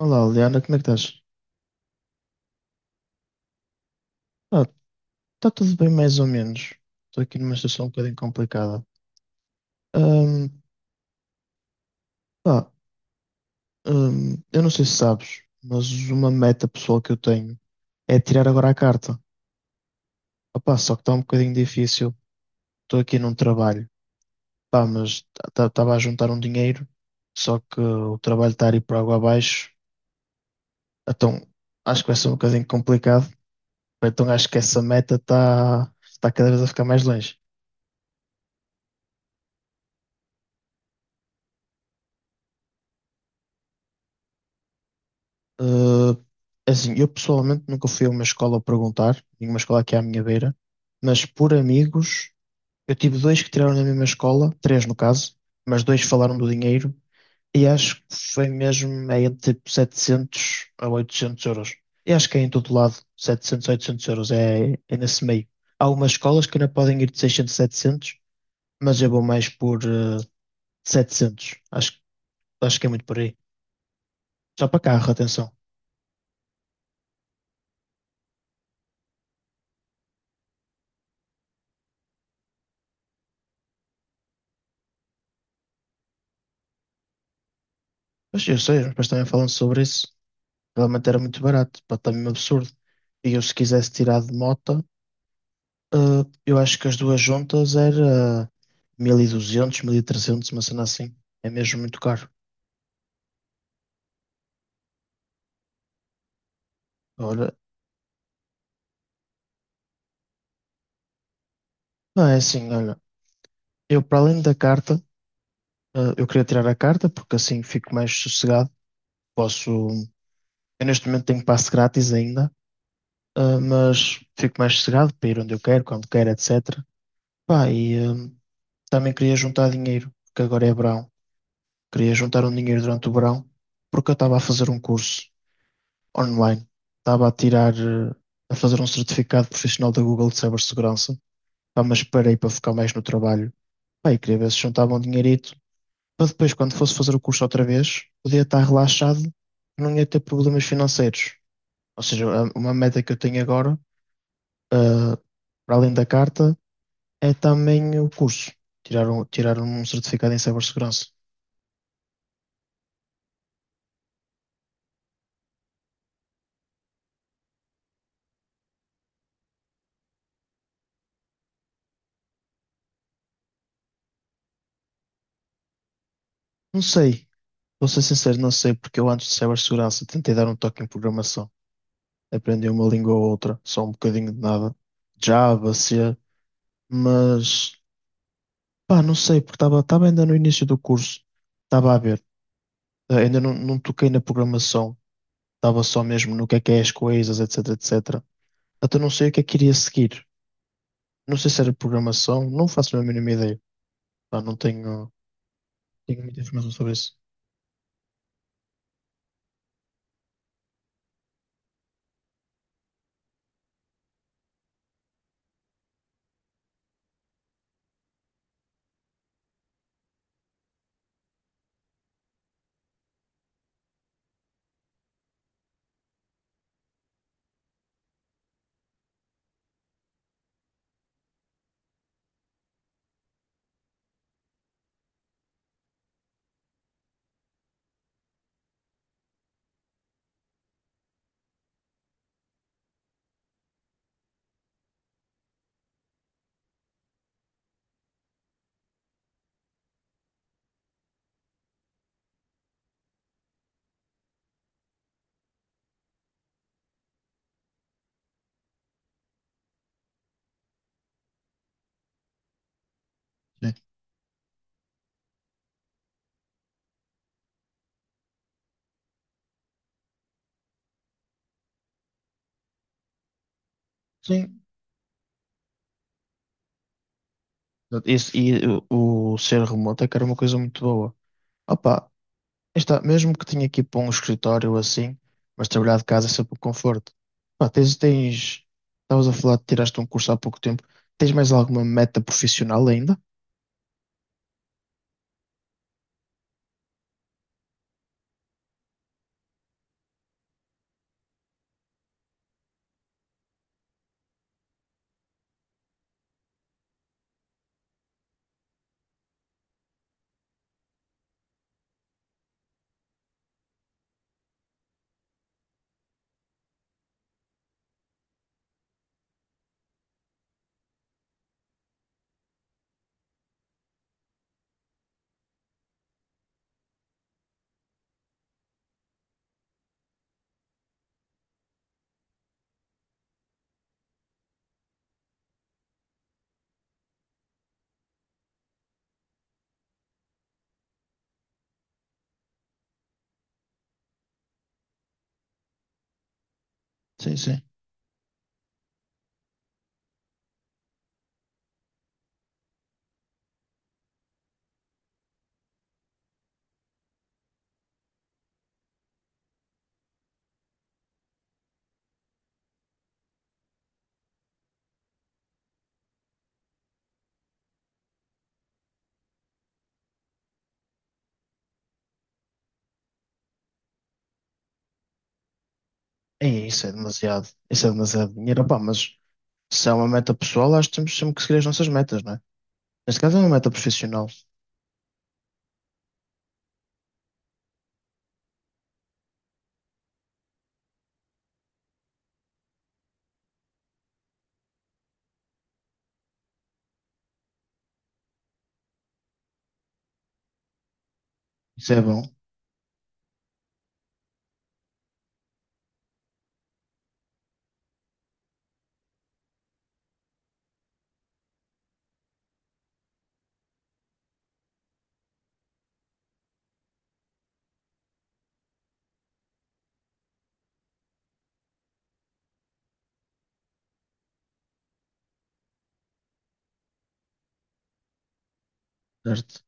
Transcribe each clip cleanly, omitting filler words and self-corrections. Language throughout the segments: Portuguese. Olá, Liana, como é que estás? Ah, está tudo bem, mais ou menos. Estou aqui numa situação um bocadinho complicada. Ahm, pá, eu não sei se sabes, mas uma meta pessoal que eu tenho é tirar agora a carta. Opá, só que está um bocadinho difícil. Estou aqui num trabalho, pá, mas estava a juntar um dinheiro, só que o trabalho está a ir por água abaixo. Então acho que vai ser um bocadinho complicado. Então acho que essa meta está cada vez a ficar mais longe. Uh, assim, eu pessoalmente nunca fui a uma escola perguntar, nenhuma escola aqui à minha beira, mas por amigos, eu tive dois que tiraram na mesma escola, três no caso, mas dois falaram do dinheiro, e acho que foi mesmo é entre tipo 700 a €800. E acho que é em todo lado, 700 a €800, é nesse meio. Há algumas escolas que ainda podem ir de 600 a 700, mas eu vou mais por 700, acho que é muito por aí. Só para carro, atenção. Mas eu sei, os meus pais também falam sobre isso. Realmente era muito barato, pá, está mesmo absurdo. E eu, se quisesse tirar de mota, eh, eu acho que as duas juntas era 1200, 1300, uma cena assim. É mesmo muito caro. Olha, não é assim, olha. Eu, para além da carta, eu queria tirar a carta porque assim fico mais sossegado. Posso. Eu, neste momento, tenho passe grátis ainda, mas fico mais sossegado para ir onde eu quero, quando quero, etc. Pá, e também queria juntar dinheiro, porque agora é verão. Queria juntar um dinheiro durante o verão porque eu estava a fazer um curso online. Estava a tirar, a fazer um certificado profissional da Google de cibersegurança. Pá, mas parei para focar mais no trabalho. Pá, e queria ver se juntava um dinheirito para depois, quando fosse fazer o curso outra vez, podia estar relaxado, não ia ter problemas financeiros. Ou seja, uma meta que eu tenho agora, eh, para além da carta, é também o curso. Tirar um certificado em cibersegurança. Não sei. Vou ser sincero, não sei, porque eu antes de cibersegurança tentei dar um toque em programação. Aprendi uma língua ou outra, só um bocadinho de nada. Java, C, mas pá, não sei, porque estava ainda no início do curso, estava a ver. Ainda não, não toquei na programação, estava só mesmo no que é as coisas, etc, etc. Até não sei o que é que iria seguir. Não sei se era programação, não faço a mínima ideia. Pá, não tenho, tenho muita informação sobre isso. Sim. Sim. E o ser remoto é que era uma coisa muito boa. Opa, aí está, mesmo que tenha que ir para um escritório ou assim, mas trabalhar de casa é sempre um conforto. Pá, estavas a falar de tiraste um curso há pouco tempo. Tens mais alguma meta profissional ainda? Sim, sim. Ei, isso é demasiado dinheiro, pá, mas se é uma meta pessoal, acho que temos sempre que seguir as nossas metas, não é? Neste caso é uma meta profissional. Isso é bom, certo?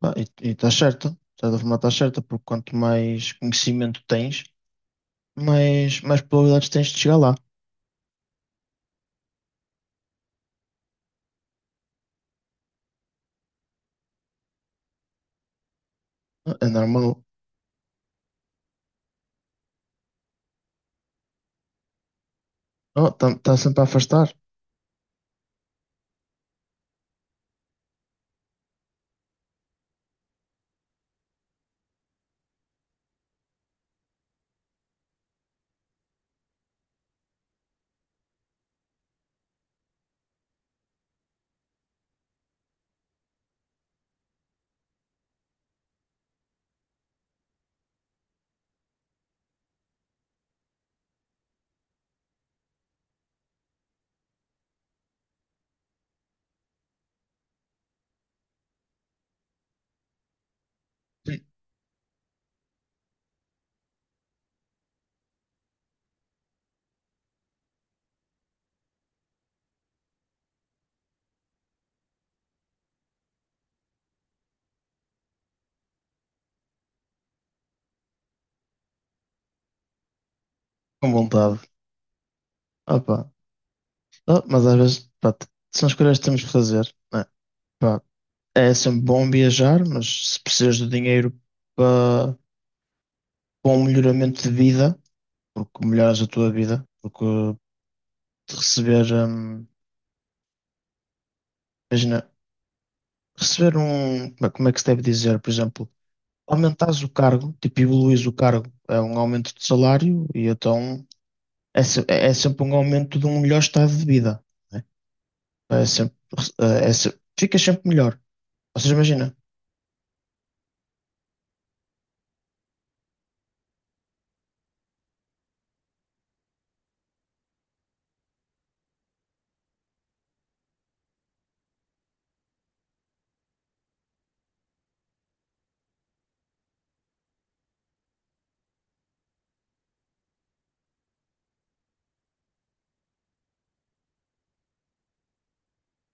Pá, e está certo, de certa forma está certa, porque quanto mais conhecimento tens, mais probabilidades tens de chegar lá. É normal. Está sempre a afastar. Com vontade. Ah, pá. Ah, mas às vezes, pá, são escolhas que temos que fazer, né? Pá, é sempre bom viajar, mas se precisas de dinheiro para para um melhoramento de vida, porque melhoras a tua vida, porque de receber, imagina, receber um, como é que se deve dizer, por exemplo, aumentares o cargo, tipo, evoluís o cargo, é um aumento de salário e então é sempre um aumento de um melhor estado de vida, né? É sempre, ficas sempre melhor. Ou seja, imagina.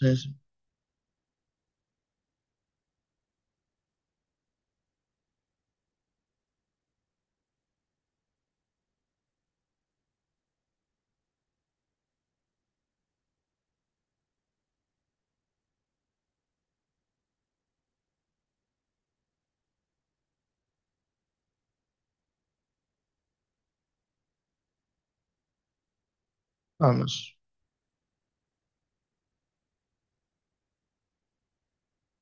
Sim, sim. Ah, mas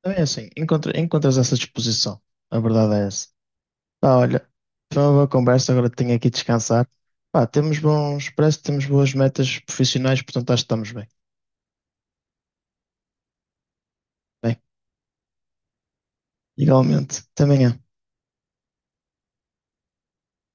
também é assim, encontras essa disposição. A verdade é essa. Pá, olha, foi uma boa conversa, agora tenho aqui de descansar. Pá, parece que temos boas metas profissionais, portanto acho que estamos bem. Bem, igualmente. Até amanhã.